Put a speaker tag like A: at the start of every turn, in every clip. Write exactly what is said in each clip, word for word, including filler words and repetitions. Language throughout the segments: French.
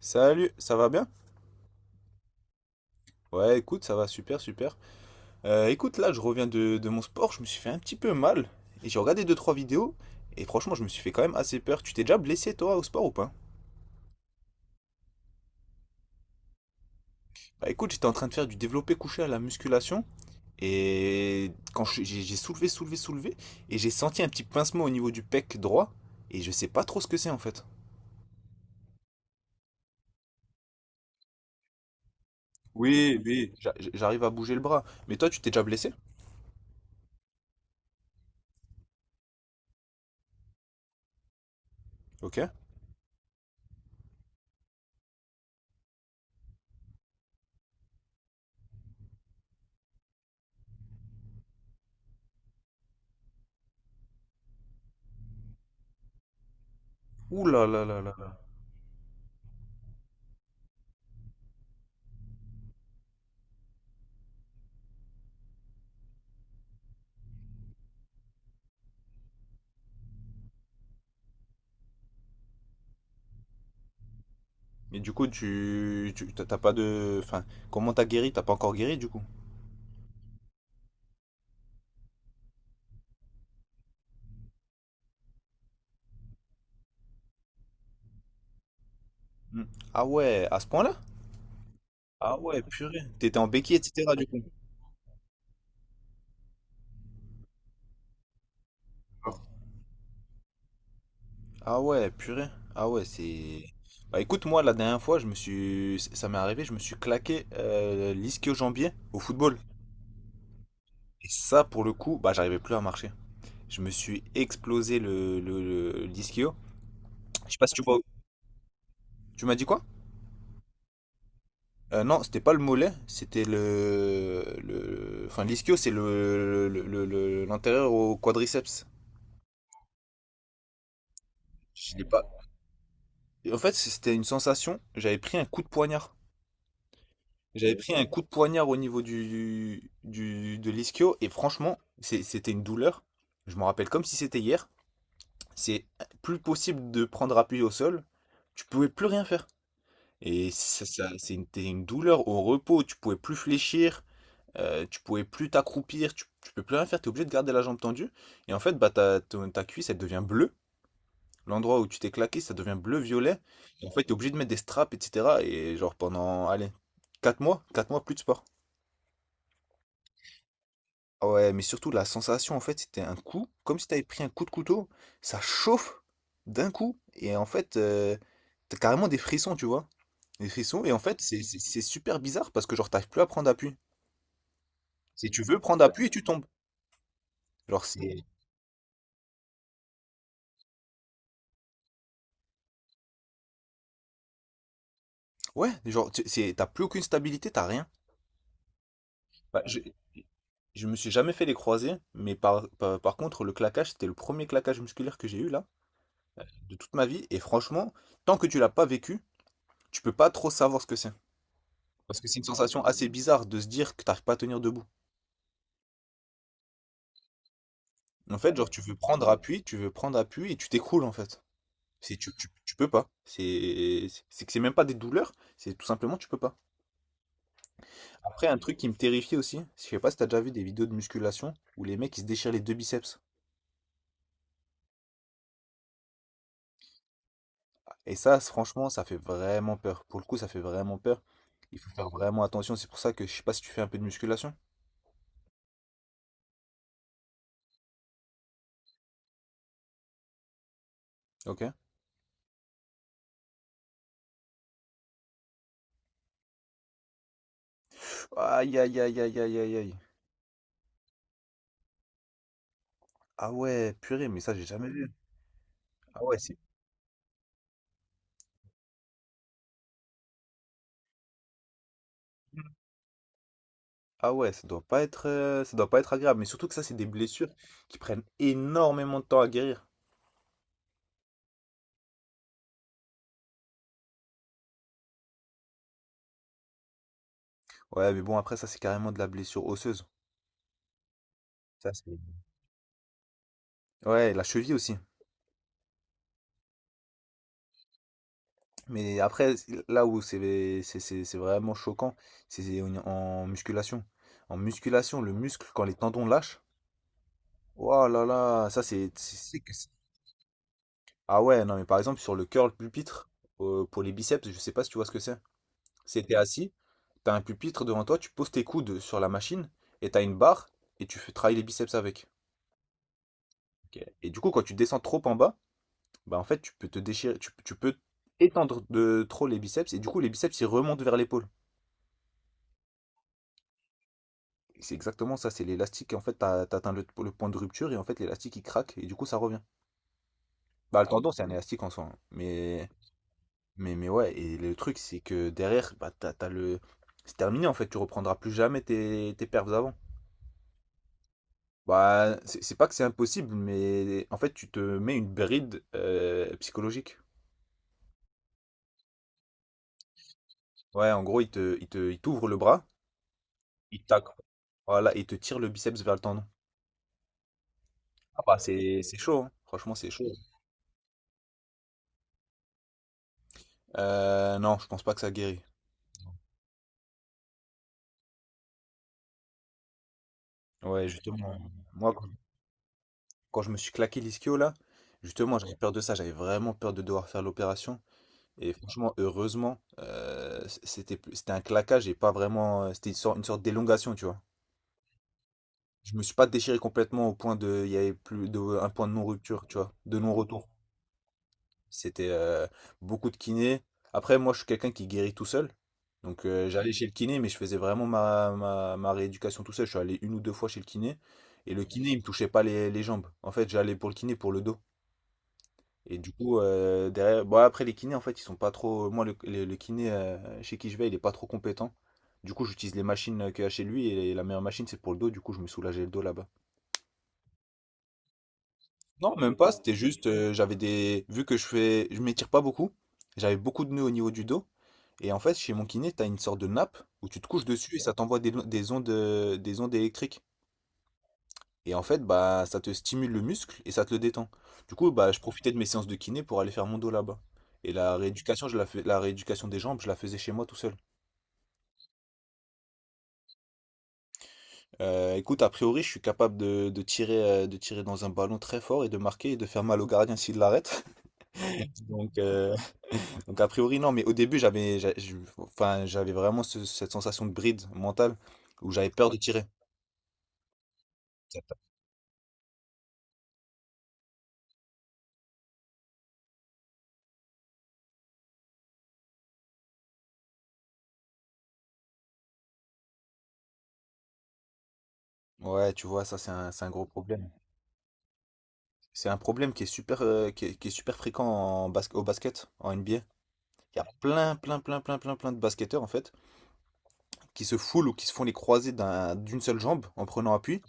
A: Salut, ça va bien? Ouais, écoute, ça va super, super. Euh, écoute, là, je reviens de, de mon sport, je me suis fait un petit peu mal. Et j'ai regardé deux trois vidéos, et franchement, je me suis fait quand même assez peur. Tu t'es déjà blessé, toi, au sport ou pas? Bah écoute, j'étais en train de faire du développé couché à la musculation, et quand je- j'ai j'ai soulevé, soulevé, soulevé, et j'ai senti un petit pincement au niveau du pec droit, et je sais pas trop ce que c'est en fait. Oui, oui. J'a- J'arrive à bouger le bras. Mais toi, tu t'es déjà blessé? Ok. Ouh là. Mais du coup, tu, tu t'as t'as pas de... Enfin, comment t'as guéri? T'as pas encore guéri, du coup? Hmm. Ah ouais, à ce point-là? Ah ouais, purée. T'étais en béquille, et cetera du coup. Ah ouais, purée. Ah ouais, c'est... Bah écoute, moi, la dernière fois, je me suis... Ça m'est arrivé, je me suis claqué euh, l'ischio-jambier au football. Et ça, pour le coup, bah j'arrivais plus à marcher. Je me suis explosé le, le, le- l'ischio. Je sais pas si tu vois... Tu m'as dit quoi? Euh, non, c'était pas le mollet, c'était le... le... Enfin, l'ischio, c'est le, le, le- le- l'antérieur au quadriceps. Je l'ai pas... Et en fait, c'était une sensation. J'avais pris un coup de poignard. J'avais pris un coup de poignard au niveau du, du- de l'ischio et franchement, c'est- c'était une douleur. Je m'en rappelle comme si c'était hier. C'est plus possible de prendre appui au sol. Tu pouvais plus rien faire. Et ça, ça- c'est une, t'es une douleur au repos. Tu pouvais plus fléchir. Euh, tu pouvais plus t'accroupir. Tu, tu peux plus rien faire. Tu es obligé de garder la jambe tendue. Et en fait, bah, ta, ton- ta cuisse, elle devient bleue. L'endroit où tu t'es claqué, ça devient bleu-violet. Et en fait, t'es obligé de mettre des straps, et cetera. Et genre pendant, allez, quatre mois, quatre mois, plus de sport. Ah ouais, mais surtout la sensation, en fait, c'était un coup, comme si t'avais pris un coup de couteau, ça chauffe d'un coup. Et en fait, euh, t'as carrément des frissons, tu vois. Des frissons. Et en fait, c'est c'est- c'est super bizarre parce que genre, t'arrives plus à prendre appui. Si tu veux prendre appui, tu tombes. Genre, c'est... Ouais, genre, tu- c'est- t'as plus aucune stabilité, t'as rien. Bah, je- Je me suis jamais fait les croisés, mais par, par, par contre, le claquage, c'était le premier claquage musculaire que j'ai eu là, de toute ma vie. Et franchement, tant que tu l'as pas vécu, tu peux pas trop savoir ce que c'est. Parce que c'est une sensation assez bizarre de se dire que t'arrives pas à tenir debout. En fait, genre, tu veux prendre appui, tu veux prendre appui et tu t'écroules en fait. C'est, tu, tu, tu peux pas. C'est, c'est que c'est même pas des douleurs, c'est tout simplement tu peux pas. Après, un truc qui me terrifiait aussi, je sais pas si t'as déjà vu des vidéos de musculation où les mecs ils se déchirent les deux biceps. Et ça, c- franchement, ça fait vraiment peur. Pour le coup, ça fait vraiment peur. Il faut faire vraiment attention. C'est pour ça que je sais pas si tu fais un peu de musculation. Ok. Aïe, aïe, aïe, aïe, aïe, aïe, aïe. Ah ouais, purée, mais ça, j'ai jamais vu. Ah ouais, c'est... Ah ouais, ça doit pas être, euh, ça doit pas être agréable. Mais surtout que ça, c'est des blessures qui prennent énormément de temps à guérir. Ouais, mais bon, après, ça, c'est carrément de la blessure osseuse. Ça, c'est... Ouais, la cheville aussi. Mais après, c'est- là où c'est c'est- c'est- c'est vraiment choquant, c'est en en musculation. En musculation, le muscle, quand les tendons lâchent, oh là là. Ça c'est... c'est- C'est que c'est- Ah ouais, non mais par exemple sur le curl pupitre, euh, pour les biceps, je sais pas si tu vois ce que c'est. C'est t'es assis, t'as un pupitre devant toi, tu poses tes coudes sur la machine, et t'as une barre, et tu fais travailler les biceps avec. Ok. Et du coup, quand tu descends trop en bas, bah en fait tu peux te déchirer, tu, tu peux étendre de trop les biceps, et du coup les biceps ils remontent vers l'épaule. Et C'est exactement ça, c'est l'élastique, en fait t'as, t'as atteint le, le point de rupture, et en fait l'élastique il craque, et du coup ça revient. Bah le tendon c'est un élastique en soi, hein, mais Mais, mais ouais, et le truc, c'est que derrière, bah, t'as, t'as le... c'est terminé en fait, tu reprendras plus jamais tes, tes perfs avant. Bah, c'est c'est pas que c'est impossible, mais en fait, tu te mets une bride euh, psychologique. Ouais, en gros, il te, il te, il t'ouvre le bras, il tac, voilà, et il te tire le biceps vers le tendon. Ah bah, c'est, c'est chaud, hein. Franchement, c'est chaud. Euh, non, je pense pas que ça guérit. Ouais, justement, moi, quand, quand je me suis claqué l'ischio là, justement, j'avais peur de ça, j'avais vraiment peur de devoir faire l'opération. Et franchement, heureusement, heu, c c'était plus, c'était un claquage et pas vraiment, c'était une sorte une sorte d'élongation, tu vois? Je me suis pas déchiré complètement au point de il y avait plus de un point de non-rupture, tu vois? De non-retour. C'était, heu, beaucoup de kiné. Après moi, je suis quelqu'un qui guérit tout seul, donc heu, j'allais chez le kiné, mais je faisais vraiment ma ma ma rééducation tout seul. Je suis allé une ou deux fois chez le kiné et le kiné, il me touchait pas les les jambes. En fait, j'allais pour le kiné pour le dos. Et du coup, euh, derrière, bon, après les kinés, en fait, ils sont pas trop. Moi, le, le- le kiné euh, chez qui je vais, il est pas trop compétent. Du coup, j'utilise les machines euh, qu'il y a chez lui et la meilleure machine, c'est pour le dos. Du coup, je me soulageais le dos là-bas. Non, même pas. C'était juste, euh, j'avais des. Vu que je fais, je m'étire pas beaucoup, j'avais beaucoup de nœuds au niveau du dos. Et en fait, chez mon kiné, t'as une sorte de nappe où tu te couches dessus et ça t'envoie des, des ondes, euh, des ondes électriques. Et en fait, bah, ça te stimule le muscle et ça te le détend. Du coup, bah, je profitais de mes séances de kiné pour aller faire mon dos là-bas. Et la rééducation, je la fais, la rééducation des jambes, je la faisais chez moi tout seul. Euh, écoute, a priori, je suis capable de, de tirer, euh, de tirer dans un ballon très fort et de marquer et de faire mal au gardien s'il l'arrête. Donc, euh, donc a priori, non. Mais au début, j'avais, j'a- je- enfin, j'avais vraiment ce- cette sensation de bride mentale où j'avais peur de tirer. Ouais, tu vois, ça c'est un, c'est un gros problème. C'est un problème qui est super, euh, qui est, qui est super fréquent en basque- au basket, en N B A. Il y a plein, plein, plein, plein, plein, plein de basketteurs en fait qui se foulent ou qui se font les croisés d'un- d'une seule jambe en prenant appui.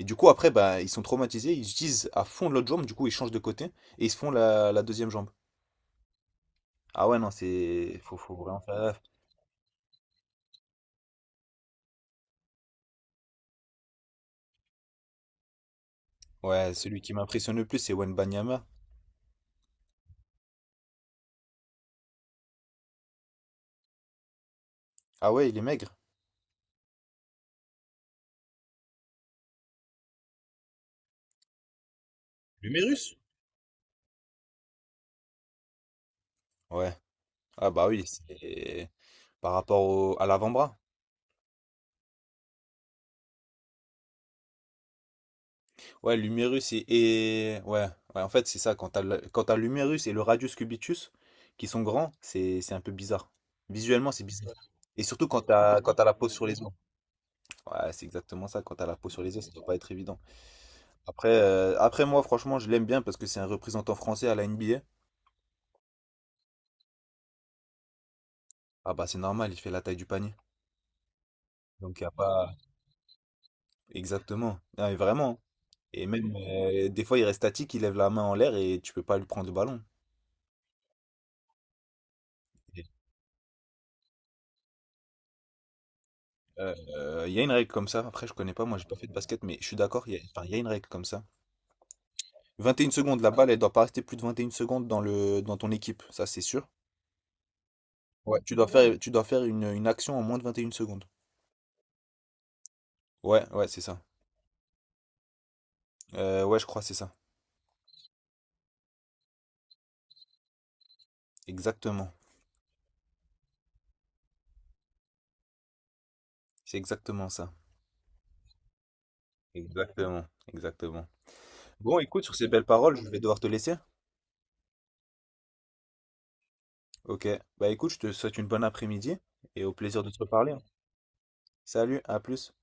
A: Et du coup, après, bah, ils sont traumatisés, ils utilisent à fond l'autre jambe, du coup, ils changent de côté et ils se font la, la deuxième jambe. Ah ouais, non, c'est. Faut, faut vraiment faire gaffe. Ouais, celui qui m'impressionne le plus, c'est Wembanyama. Ah ouais, il est maigre. L'humérus? Ouais. Ah bah oui, c'est par rapport au- à l'avant-bras. Ouais, l'humérus et, et- ouais, ouais, en fait, c'est ça. Quand t'as le- quand t'as l'humérus et le radius cubitus qui sont grands, c'est c'est un peu bizarre. Visuellement, c'est bizarre. Et surtout quand t'as quand t'as la peau sur les os. Ouais, c'est exactement ça. Quand t'as la peau sur les os, ça doit pas être évident. Après, euh, après moi, franchement, je l'aime bien parce que c'est un représentant français à la N B A. Ah bah, c'est normal, il fait la taille du panier. Donc, il a pas. Exactement. Non, mais vraiment, hein. Et même, euh, des fois, il reste statique, il lève la main en l'air et tu peux pas lui prendre le ballon. Heu, il y a une règle comme ça. Après, je connais pas, moi, j'ai pas fait de basket, mais je suis d'accord, il y a enfin, il y a une règle comme ça. Vingt et une secondes, la balle, elle doit pas rester plus de vingt et une secondes dans le dans ton équipe, ça, c'est sûr. Ouais. Tu dois faire tu dois faire une, une action en moins de vingt et une secondes. Ouais, ouais, c'est ça. Heu, ouais, je crois, que c'est ça. Exactement. C'est exactement ça. Exactement, exactement. Bon, écoute, sur ces belles paroles, je vais devoir te laisser. OK. Bah, écoute, je te souhaite une bonne après-midi et au plaisir de te reparler, hein. Salut, à plus.